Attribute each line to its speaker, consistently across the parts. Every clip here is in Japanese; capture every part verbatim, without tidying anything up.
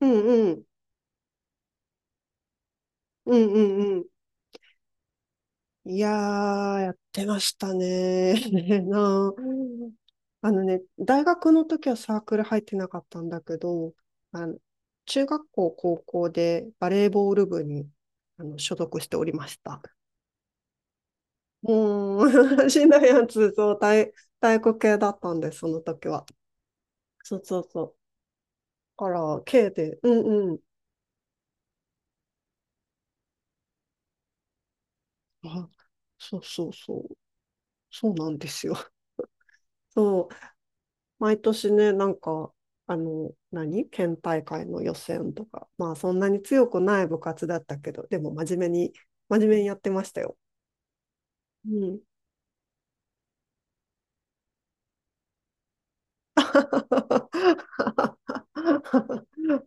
Speaker 1: うんうん。うんうんうん。いやー、やってましたね。なあ。あのね、大学の時はサークル入ってなかったんだけど、あの、中学校、高校でバレーボール部にあの所属しておりました。もう、しんどいやつ、そう、体、体育系だったんです、その時は。そうそうそう。だから、K で、うんうん。あ、そうそうそう。そうなんですよ。そう。毎年ね、なんか、あの、何県大会の予選とか、まあそんなに強くない部活だったけど、でも真面目に、真面目にやってましたよ。うん。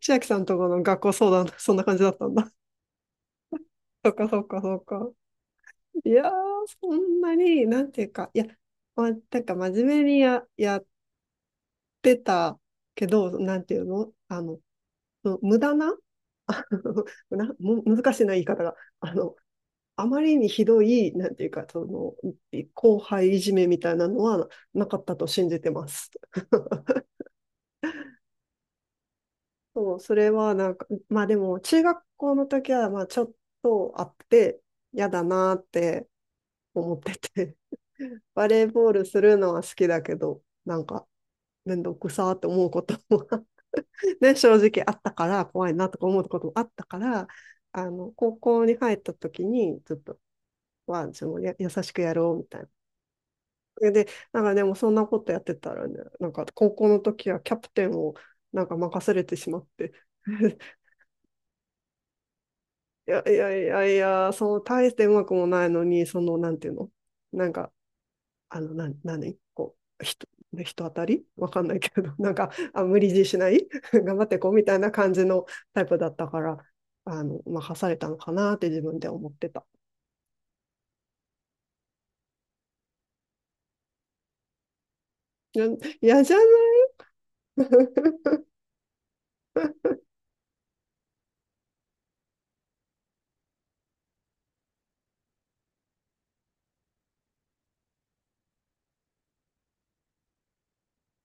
Speaker 1: 千秋さんとこの学校相談、そんな感じだったんだ。そっかそっかそっか。いやー、そんなに、なんていうか、いや、ま、なんか真面目にや、やってたけど、なんていうのあの、無駄な なむ難しいな言い方が。あの、あまりにひどい、なんていうか、その、後輩いじめみたいなのはなかったと信じてます。そう、それはなんか、まあでも、中学校の時は、まあちょっとあって、嫌だなって思ってて、バレーボールするのは好きだけど、なんか、めんどくさーって思うことも ね、正直あったから、怖いなとか思うこともあったから、あの、高校に入った時に、ちょっと、は、そのや、優しくやろうみたいで、なんかでもそんなことやってたらね、なんか高校の時はキャプテンをなんか任されてしまって、いやいやいやいや、そう、大してうまくもないのに、その、なんていうのなんか、あの、な、何こう、人、人当たりわかんないけど、なんか、あ、無理強いしない 頑張ってこうみたいな感じのタイプだったから、あの、任されたのかなって自分で思ってた。いや、嫌じゃない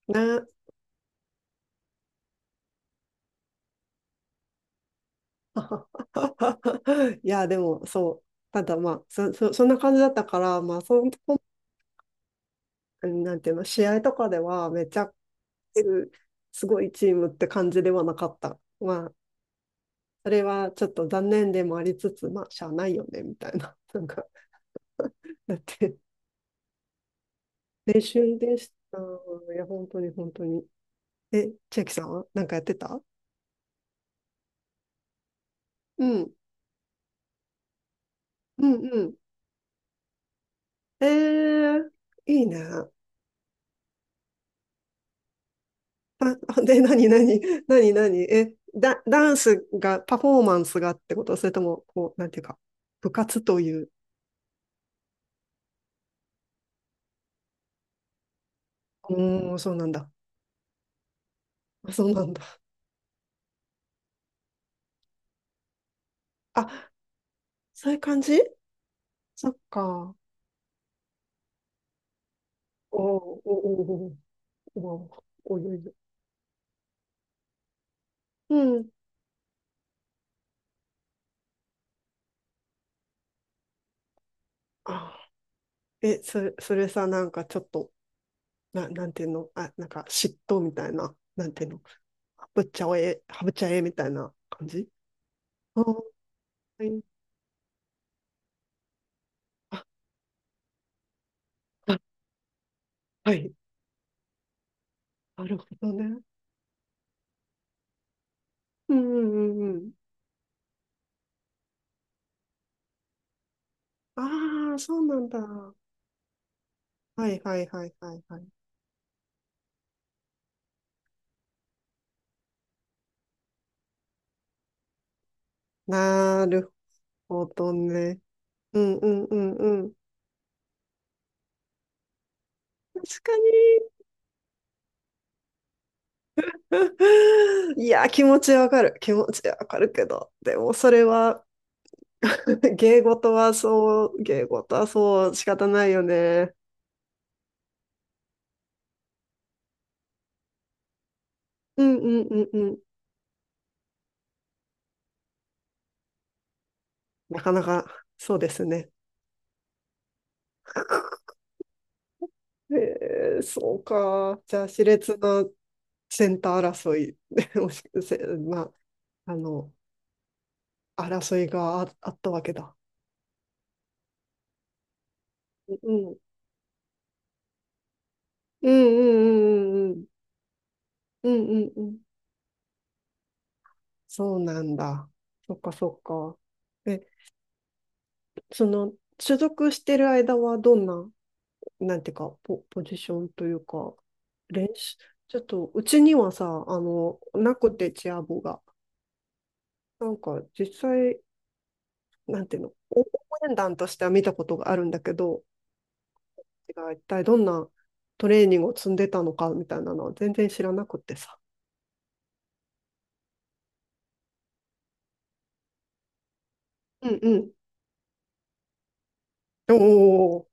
Speaker 1: な いや、でも、そう。ただまあ、そ、そ、そんな感じだったから、まあ、その、なんていうの、試合とかでは、めっちゃ、すごいチームって感じではなかった。まあ、それはちょっと残念でもありつつ、まあ、しゃあないよね、みたいな。なんか、だって、練習でした。いや、本当に、本当に。え、千秋さんはなんかやってたうん、うん、うん。えー、いいね。あで、なになに、なになに、え、ダ、ダンスが、パフォーマンスがってことそれとも、こう、なんていうか、部活という。うーん、そうなんだ。あそうなんだ。あ、そういう感じそっか。おおおおおおおいおうん。あ、え、それ、それさ、なんかちょっと、な、なんていうのあ、なんか嫉妬みたいな、なんていうのハブっちゃえ、ハブっちゃえみたいな感じあ、はい。あ、あはい。なるほどね。うんうんうんうん。ああ、そうなんだ。はいはいはいはいはい。なるほどね。うんうんうんうん。確かに。いや、気持ちわかる。気持ちわかるけど。でもそれは、芸事はそう、芸事はそう、仕方ないよね。うんうんうんうん。なかなか、そうですね。えー、そうか。じゃあ、熾烈なセンター争い、もしせまあ、あの、争いがああったわけだ。うん。うんうんうんうんうん。うんうんうん。そうなんだ。そっかそっか。え、その、所属してる間はどんな、なんていうか、ポ、ポジションというか、練習、ちょっと、うちにはさ、あの、なくてチア部が。なんか、実際、なんていうの、応援団としては見たことがあるんだけど、が一体どんなトレーニングを積んでたのかみたいなのは全然知らなくってさ。うんうん。おお。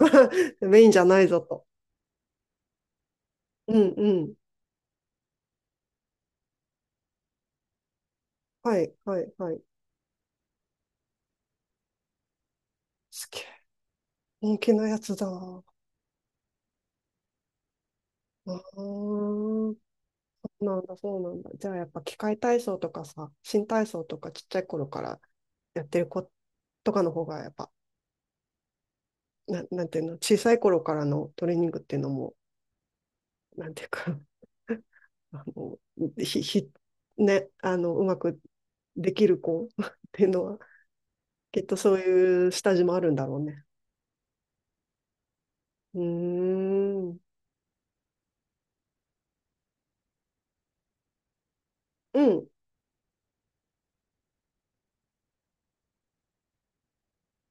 Speaker 1: メインじゃないぞと。うんうん。はい、はい、はい。すげえ。人気のやつだ。ああ、そうなんだ、そうなんだ。じゃあやっぱ器械体操とかさ、新体操とかちっちゃい頃からやってる子とかの方がやっぱ、な、なんていうの、小さい頃からのトレーニングっていうのも、なんていうか あの、ひ、ひ、ね、あの、うまくできる子 っていうのは、きっとそういう下地もあるんだろうね。うーん。うん。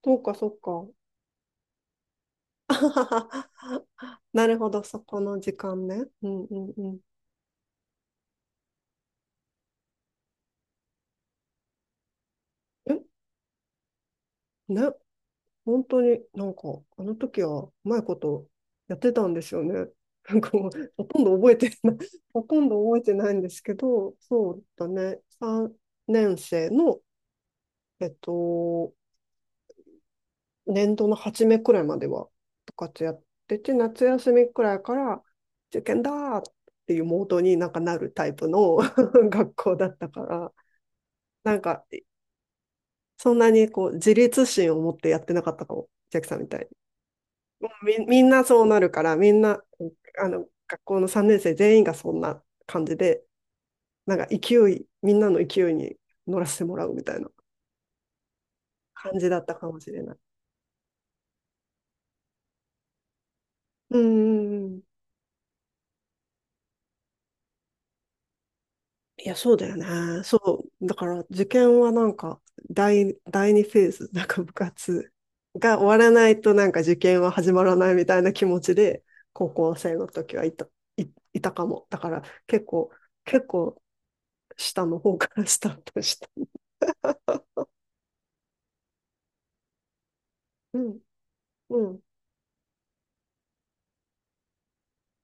Speaker 1: そうか、そうか。なるほど、そこの時間ね。うんうんうん。え、ね、本当になんか、あの時はうまいことやってたんですよね。なんかもう、ほとんど覚えてない、ほとんど覚えてないんですけど、そうだね、さんねん生の、えっと、年度の初めくらいまでは部活やってて、夏休みくらいから受験だーっていうモードになんかなるタイプの 学校だったから、なんか、そんなにこう、自立心を持ってやってなかったかも、ジャックさんみたいに。もうみ、みんなそうなるから、みんな、あの、学校のさんねん生全員がそんな感じで、なんか勢い、みんなの勢いに乗らせてもらうみたいな感じだったかもしれない。うんうんうん。いや、そうだよね。そう。だから、受験はなんか、第、第二フェーズ、なんか部活が終わらないと、なんか受験は始まらないみたいな気持ちで、高校生の時はいた、い、いたかも。だから、結構、結構、下の方から スタートした。うん、うん。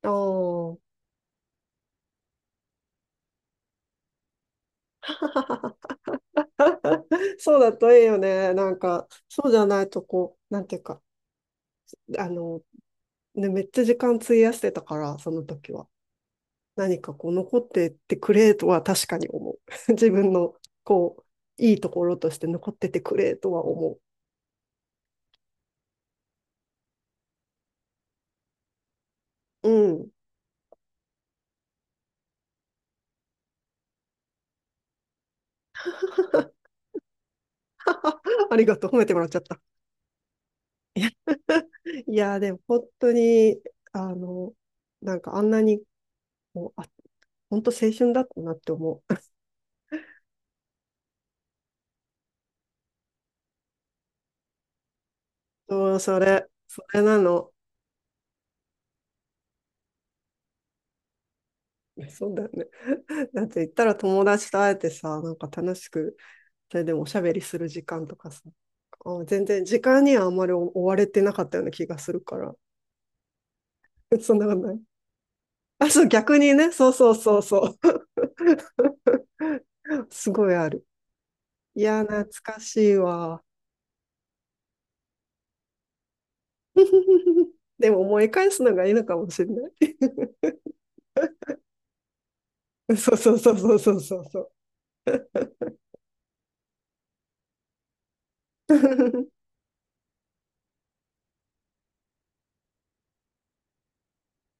Speaker 1: ああ。そうだといいよね。なんか、そうじゃないと、こう、なんていうか、あの、ね、めっちゃ時間費やしてたから、その時は。何かこう残ってってくれとは確かに思う。自分のこう、いいところとして残っててくれとは思う。うん。あ、ありがとう。褒めてもらっちゃった。いや、いやでも本当に、あの、なんかあんなに、もう、あ、本当青春だったなって思う。そう、それ、それなの。そうだよね。だって言ったら友達と会えてさ、なんか楽しく、それでもおしゃべりする時間とかさ、あ全然時間にはあんまり追われてなかったような気がするから、そんなことない。あ、そう、逆にね。そうそうそうそう。すごいある。いや、懐かしいわ。でも思い返すのがいいのかもしれない。そうそうそうそうそうそうそう。